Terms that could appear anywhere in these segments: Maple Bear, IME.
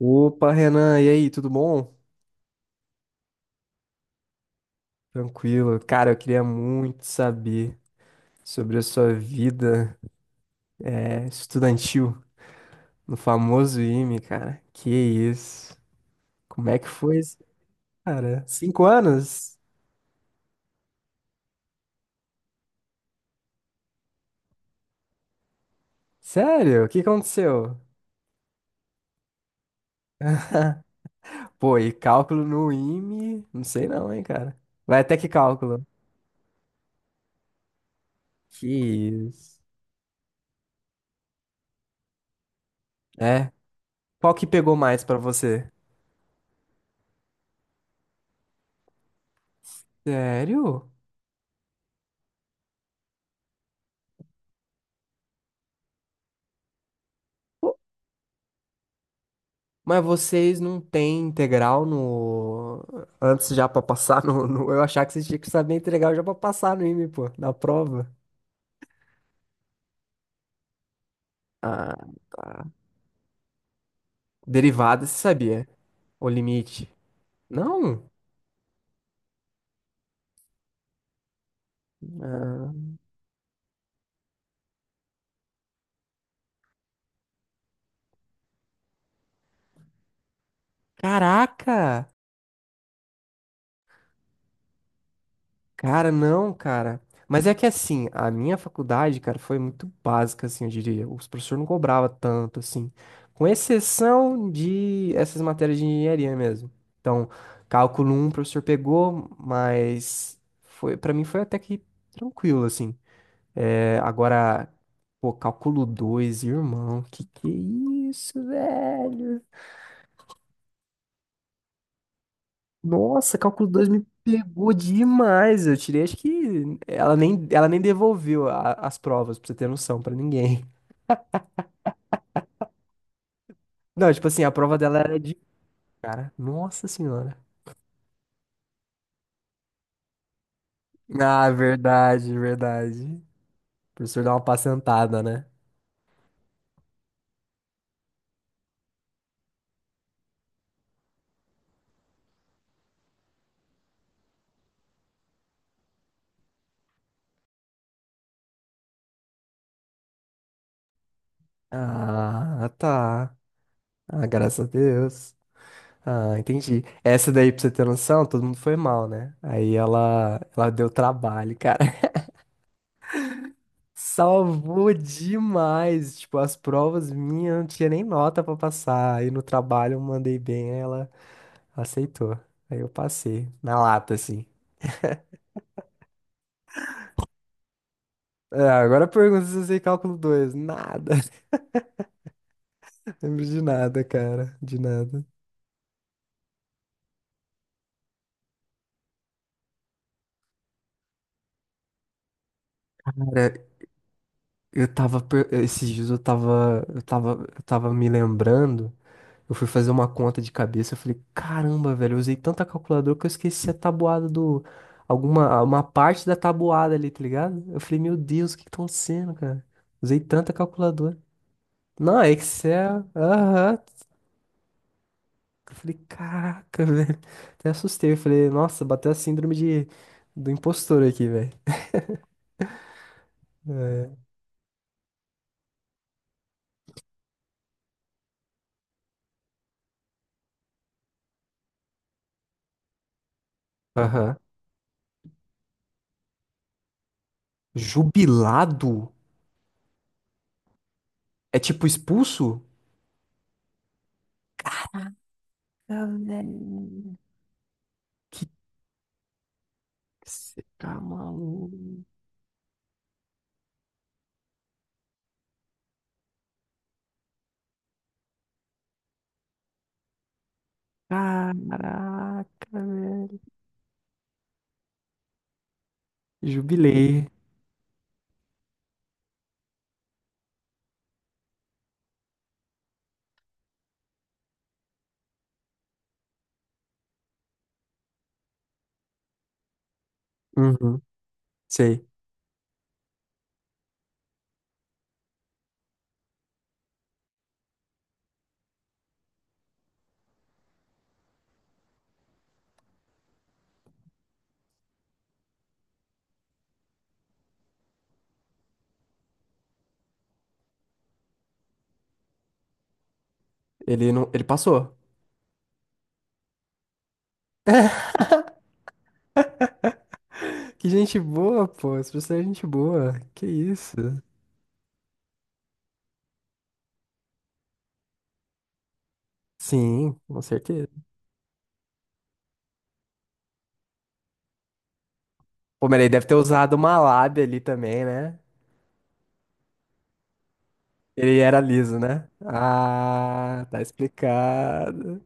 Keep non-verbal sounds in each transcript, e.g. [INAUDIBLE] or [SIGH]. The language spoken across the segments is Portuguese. Opa, Renan, e aí, tudo bom? Tranquilo. Cara, eu queria muito saber sobre a sua vida estudantil no famoso IME, cara. Que isso? Como é que foi isso, cara? Cinco anos? Sério? O que aconteceu? Pô, e cálculo no IME? Não sei não, hein, cara. Vai até que cálculo? Que isso? É? Qual que pegou mais pra você? Sério? Mas vocês não têm integral no. Antes já pra passar eu achava que vocês tinham que saber integral já pra passar no IME, pô, na prova. Ah, tá. Derivada, você sabia? O limite. Não? Ah, caraca! Cara, não, cara. Mas é que assim, a minha faculdade, cara, foi muito básica, assim, eu diria. Os professores não cobravam tanto, assim. Com exceção de essas matérias de engenharia mesmo. Então, cálculo um o professor pegou, mas foi, para mim foi até que tranquilo, assim. É, agora, pô, cálculo 2 irmão, que é isso, velho? Nossa, cálculo 2 me pegou demais. Eu tirei, acho que ela nem devolveu as provas, pra você ter noção, pra ninguém. [LAUGHS] Não, tipo assim, a prova dela era de cara. Nossa senhora. Ah, verdade, verdade. O professor dá uma pacentada, né? Ah, tá. Ah, graças a Deus. Ah, entendi. Essa daí, pra você ter noção, todo mundo foi mal, né? Aí ela deu trabalho, cara. Salvou demais. Tipo, as provas minhas não tinha nem nota pra passar. Aí no trabalho eu mandei bem, ela aceitou. Aí eu passei, na lata, assim. É, agora pergunta se eu sei cálculo dois. Nada. [LAUGHS] Lembro de nada, cara. De nada. Cara, esses dias eu tava me lembrando. Eu fui fazer uma conta de cabeça, eu falei, caramba, velho, eu usei tanta calculadora que eu esqueci a tabuada do... Alguma, uma parte da tabuada ali, tá ligado? Eu falei, meu Deus, o que que tá acontecendo, cara? Usei tanta calculadora. Não, é Excel, aham. Eu falei, caraca, [LAUGHS] velho. Até assustei, eu falei, nossa, bateu a síndrome de... do impostor aqui, velho. É. Aham. Jubilado? É tipo expulso? Ah, velho. Que... Você tá maluco? Caraca, velho. Jubilei. Uhum, sei. Ele não, ele passou. Que gente boa, pô. Esse professor é gente boa. Que isso? Sim, com certeza. Pô, mas ele deve ter usado uma lábia ali também, né? Ele era liso, né? Ah, tá explicado.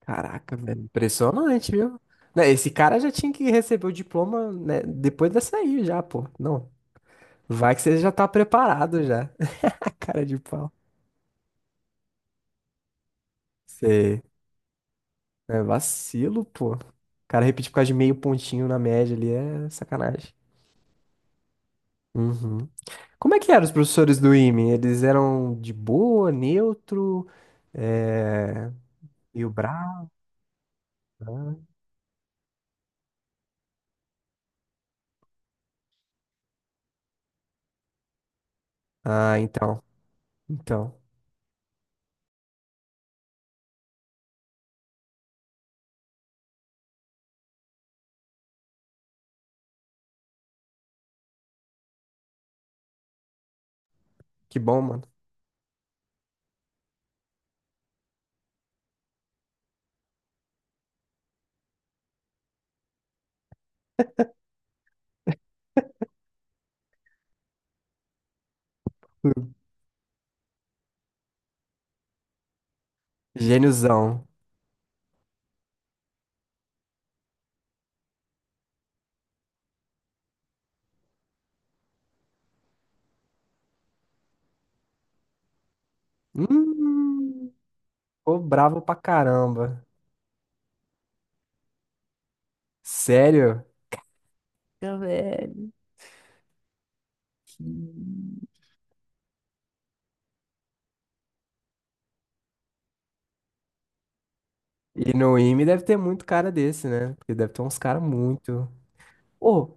Caraca, velho. Impressionante, viu? Né, esse cara já tinha que receber o diploma, né, depois dessa aí já, pô. Não. Vai que você já tá preparado já. [LAUGHS] Cara de pau. Sei. É vacilo, pô. O cara repetir por causa de meio pontinho na média ali é sacanagem. Uhum. Como é que eram os professores do IME? Eles eram de boa, neutro, é... meio bravo? Né? Ah, então. Então. Que bom, mano. Gêniozão. Hum, ficou bravo pra caramba. Sério? Fica velho. E no IME deve ter muito cara desse, né? Porque deve ter uns caras muito. Ô,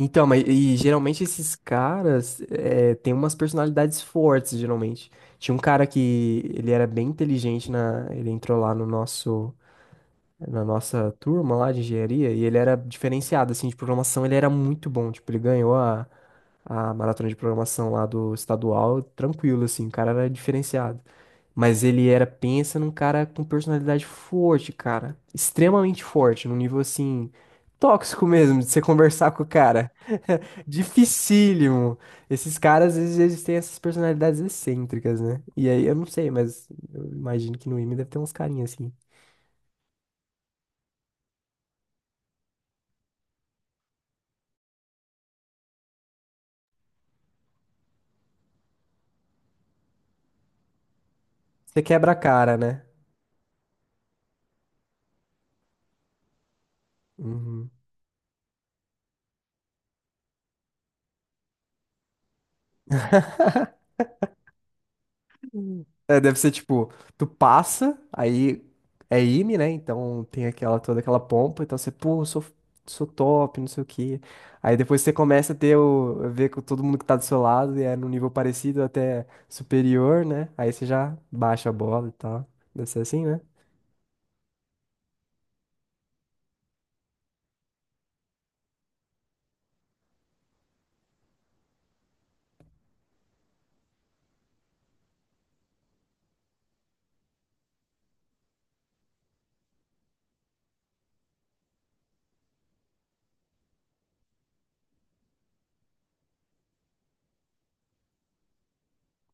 então, mas e geralmente esses caras têm umas personalidades fortes, geralmente. Tinha um cara que ele era bem inteligente ele entrou lá no nosso na nossa turma lá de engenharia e ele era diferenciado assim de programação, ele era muito bom, tipo, ele ganhou a maratona de programação lá do estadual, tranquilo assim, o cara era diferenciado. Mas ele era, pensa num cara com personalidade forte, cara, extremamente forte, num nível assim tóxico mesmo de você conversar com o cara. Dificílimo. Esses caras, às vezes, eles têm essas personalidades excêntricas, né? E aí, eu não sei, mas eu imagino que no IME deve ter uns carinhas assim. Você quebra a cara, né? Uhum. É, deve ser tipo, tu passa, aí é IME, né? Então tem aquela toda aquela pompa, então você, pô, eu sou, sou top, não sei o quê. Aí depois você começa a a ver com todo mundo que tá do seu lado e é num nível parecido até superior, né? Aí você já baixa a bola e tal. Deve ser assim, né?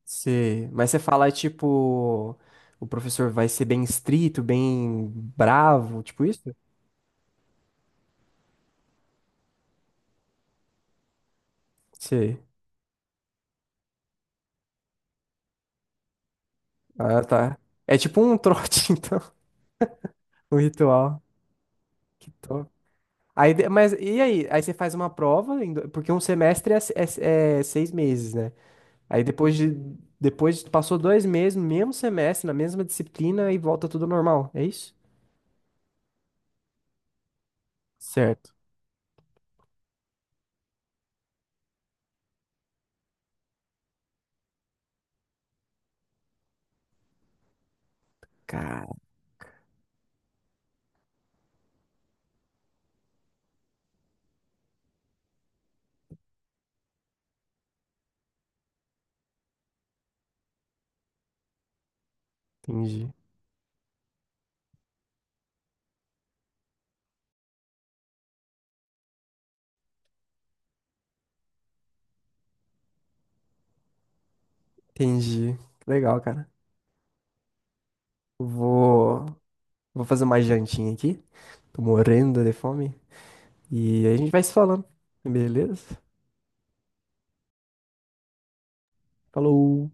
Sei. Mas você fala, tipo, o professor vai ser bem estrito, bem bravo, tipo isso? Sei. Ah, tá. É tipo um trote, [LAUGHS] então, um ritual. Que top. Mas e aí? Aí você faz uma prova, porque um semestre é, é seis meses, né? Aí depois de, passou dois meses, no mesmo semestre, na mesma disciplina e volta tudo normal, é isso? Certo. Cara, entendi. Entendi. Legal, cara. Vou, vou fazer uma jantinha aqui. Tô morrendo de fome. E aí a gente vai se falando. Beleza? Falou!